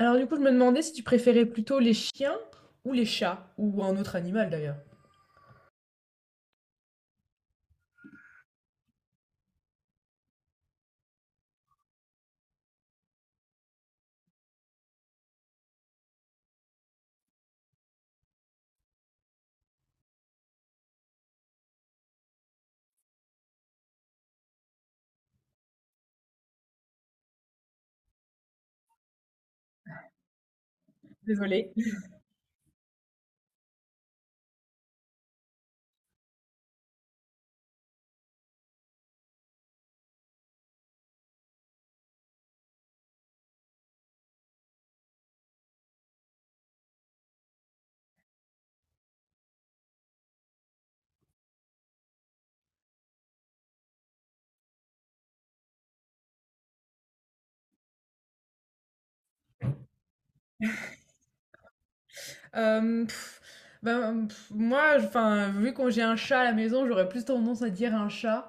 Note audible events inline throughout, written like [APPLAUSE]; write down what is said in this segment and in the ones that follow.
Alors du coup, je me demandais si tu préférais plutôt les chiens ou les chats, ou un autre animal d'ailleurs. Désolée. Euh, pff, ben, moi, enfin vu qu'on j'ai un chat à la maison, j'aurais plus tendance à dire un chat.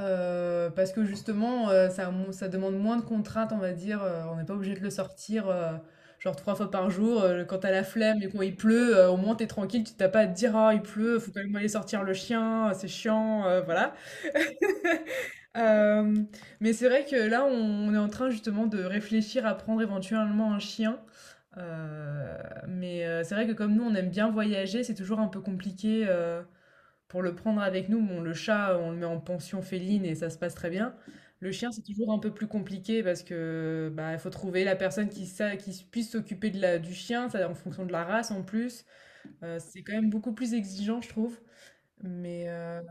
Parce que justement, ça demande moins de contraintes, on va dire. On n'est pas obligé de le sortir genre trois fois par jour. Quand t'as la flemme et quand il pleut, au moins t'es tranquille, tu t'as pas à te dire, ah, il pleut, faut quand même aller sortir le chien, c'est chiant, voilà. [LAUGHS] Hem, mais c'est vrai que là, on est en train justement de réfléchir à prendre éventuellement un chien. Heu, mais c'est vrai que comme nous, on aime bien voyager, c'est toujours un peu compliqué, pour le prendre avec nous. Bon, le chat, on le met en pension féline et ça se passe très bien. Le chien, c'est toujours un peu plus compliqué parce que, bah, il faut trouver la personne qui puisse s'occuper de la du chien, ça en fonction de la race en plus. C'est quand même beaucoup plus exigeant, je trouve. Mais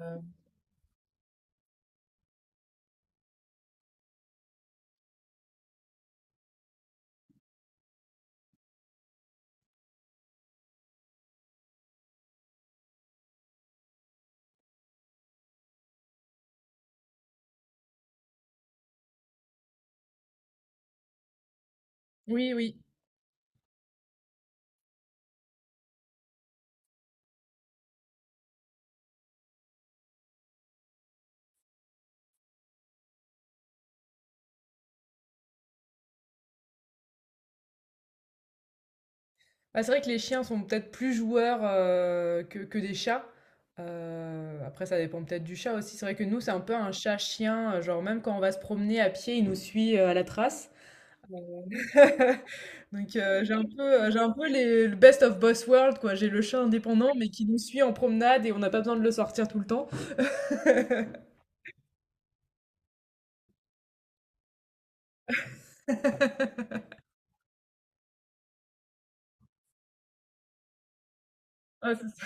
oui, oui. Bah, c'est vrai que les chiens sont peut-être plus joueurs, que des chats. Après ça dépend peut-être du chat aussi. C'est vrai que nous, c'est un peu un chat-chien, genre même quand on va se promener à pied, il nous suit, à la trace. [LAUGHS] Donc j'ai un peu les le best of both world quoi. J'ai le chat indépendant, mais qui nous suit en promenade et on n'a pas besoin de le sortir tout le temps. [LAUGHS] Ouais, c'est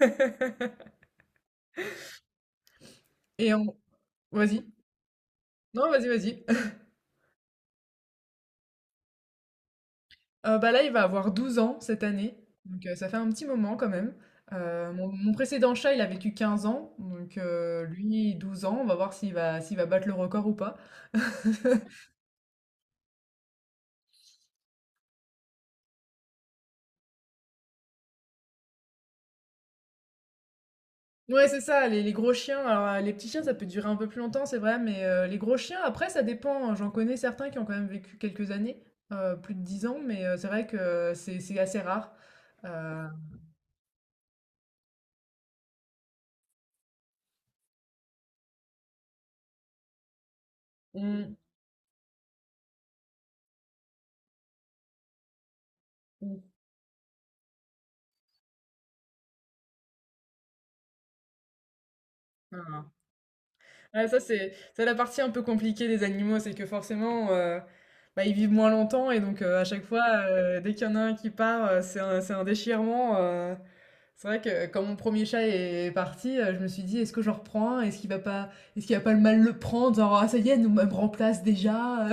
ça. [LAUGHS] Et on vas-y. Non, vas-y, vas-y. Bah, là, il va avoir 12 ans cette année, donc ça fait un petit moment quand même. Mon précédent chat, il a vécu 15 ans, donc lui 12 ans. On va voir s'il va battre le record ou pas. [LAUGHS] Ouais, c'est ça, les gros chiens, alors, les petits chiens, ça peut durer un peu plus longtemps, c'est vrai, mais les gros chiens, après, ça dépend, hein. J'en connais certains qui ont quand même vécu quelques années, plus de 10 ans, mais c'est vrai que c'est assez rare. Heu, on on enfin Ouais, ça, c'est la partie un peu compliquée des animaux, c'est que forcément, bah, ils vivent moins longtemps et donc à chaque fois, dès qu'il y en a un qui part, c'est un déchirement. C'est vrai que quand mon premier chat est parti, je me suis dit, est-ce que j'en reprends un? Est-ce qu'il va pas le mal le prendre? Genre, ah, ça y est, elle nous me remplace déjà.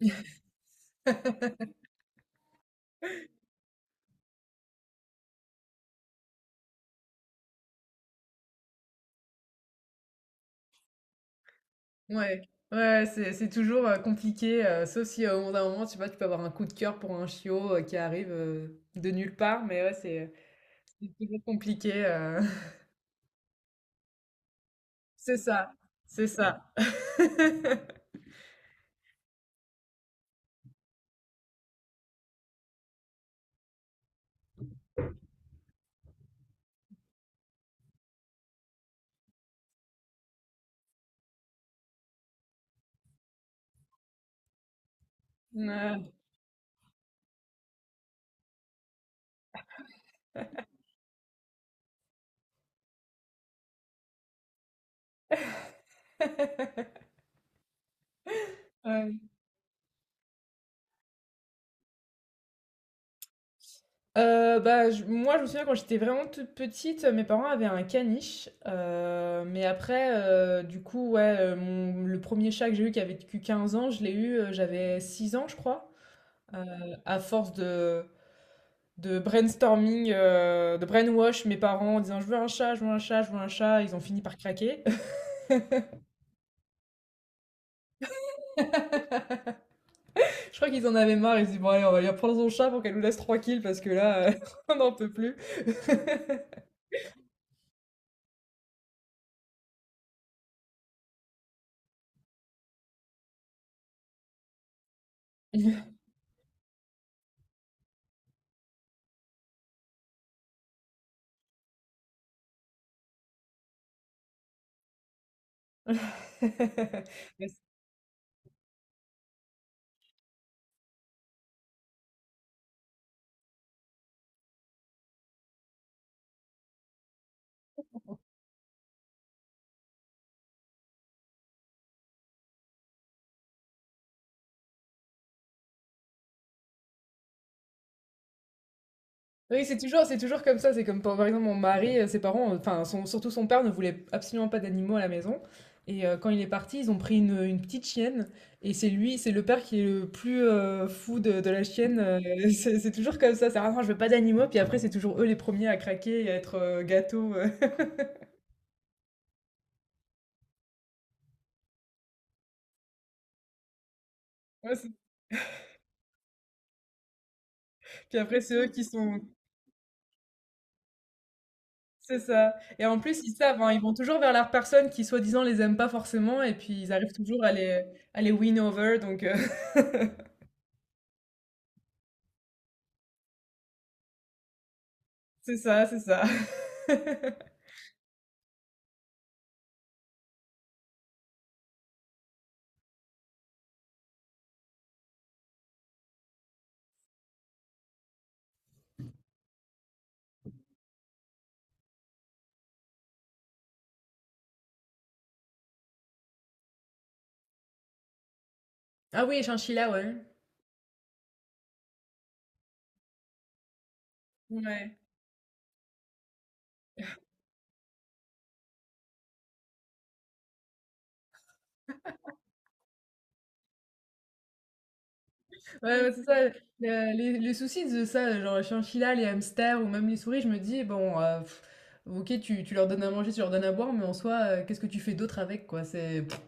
[LAUGHS] Ouais, ouais, ouais, c'est toujours compliqué, sauf si au bout d'un moment, tu sais pas, tu peux avoir un coup de cœur pour un chiot qui arrive de nulle part, mais ouais, c'est toujours compliqué. C'est ça, c'est ça. [LAUGHS] Ouais. Ouais. Bah, moi, je me souviens quand j'étais vraiment toute petite, mes parents avaient un caniche. Mais après, du coup, ouais, le premier chat que j'ai eu qui avait vécu 15 ans, je l'ai eu, j'avais 6 ans, je crois. À force de brainstorming, de brainwash mes parents en disant je veux un chat, je veux un chat, je veux un chat, ils ont fini par craquer. Je crois qu'ils en avaient marre, ils se disent bon allez on va lui prendre son chat pour qu'elle nous laisse tranquille parce que là [LAUGHS] on n'en peut plus. [LAUGHS] Mais Oui, c'est toujours, comme ça. C'est comme par exemple mon mari, ses parents, enfin surtout son père ne voulait absolument pas d'animaux à la maison. Et quand il est parti, ils ont pris une petite chienne. Et c'est lui, c'est le père qui est le plus fou de la chienne, [LAUGHS] c'est toujours comme ça. C'est ah non, je veux pas d'animaux. Puis après, c'est toujours eux les premiers à craquer et à être gâteaux. [LAUGHS] Ouais, c'est- Puis après, c'est eux qui sont, c'est ça. Et en plus, ils savent, hein, ils vont toujours vers la personne qui, soi-disant, les aime pas forcément, et puis ils arrivent toujours à les win over, donc [LAUGHS] c'est ça, c'est ça. [LAUGHS] Ah oui, chinchilla, ouais. Ouais, ouais, ouais, c'est ça. Les soucis de ça, genre les chinchillas, les hamsters ou même les souris, je me dis, bon, ok, tu leur donnes à manger, tu leur donnes à boire, mais en soi, qu'est-ce que tu fais d'autre avec, quoi? C'est... pff.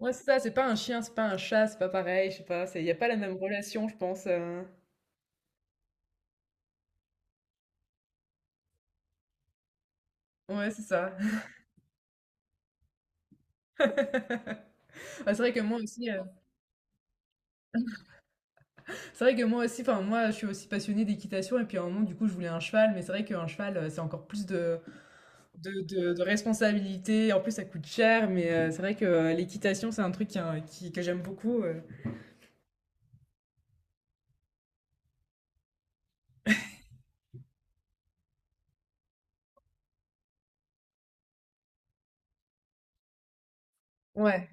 Ouais, c'est ça, c'est pas un chien, c'est pas un chat, c'est pas pareil, je sais pas, il n'y a pas la même relation, je pense. Ouais, c'est ça. [LAUGHS] Ah, c'est vrai que moi aussi, enfin moi je suis aussi passionnée d'équitation et puis à un moment du coup je voulais un cheval, mais c'est vrai qu'un cheval c'est encore plus de responsabilité, en plus ça coûte cher, mais c'est vrai que l'équitation c'est un truc hein, que j'aime beaucoup. Ouais,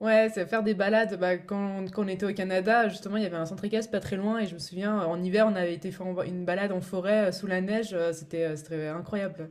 ouais, c'est faire des balades, bah, quand on était au Canada, justement il y avait un centre équestre pas très loin et je me souviens en hiver on avait été faire une balade en forêt sous la neige, c'était incroyable.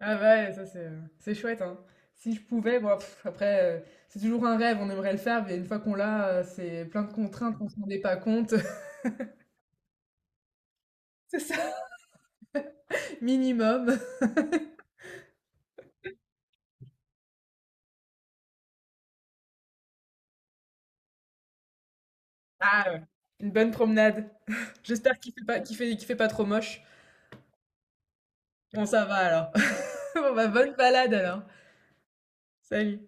Ah bah ouais, ça c'est chouette, hein. Si je pouvais, bon, après, c'est toujours un rêve, on aimerait le faire, mais une fois qu'on l'a, c'est plein de contraintes, on s'en rendait pas compte. [LAUGHS] C'est ça, minimum. Ah ouais, une bonne promenade. J'espère qu'il fait pas, qu'il fait pas trop moche. Bon, ça va alors. [LAUGHS] Bon, bah, bonne balade alors. Salut.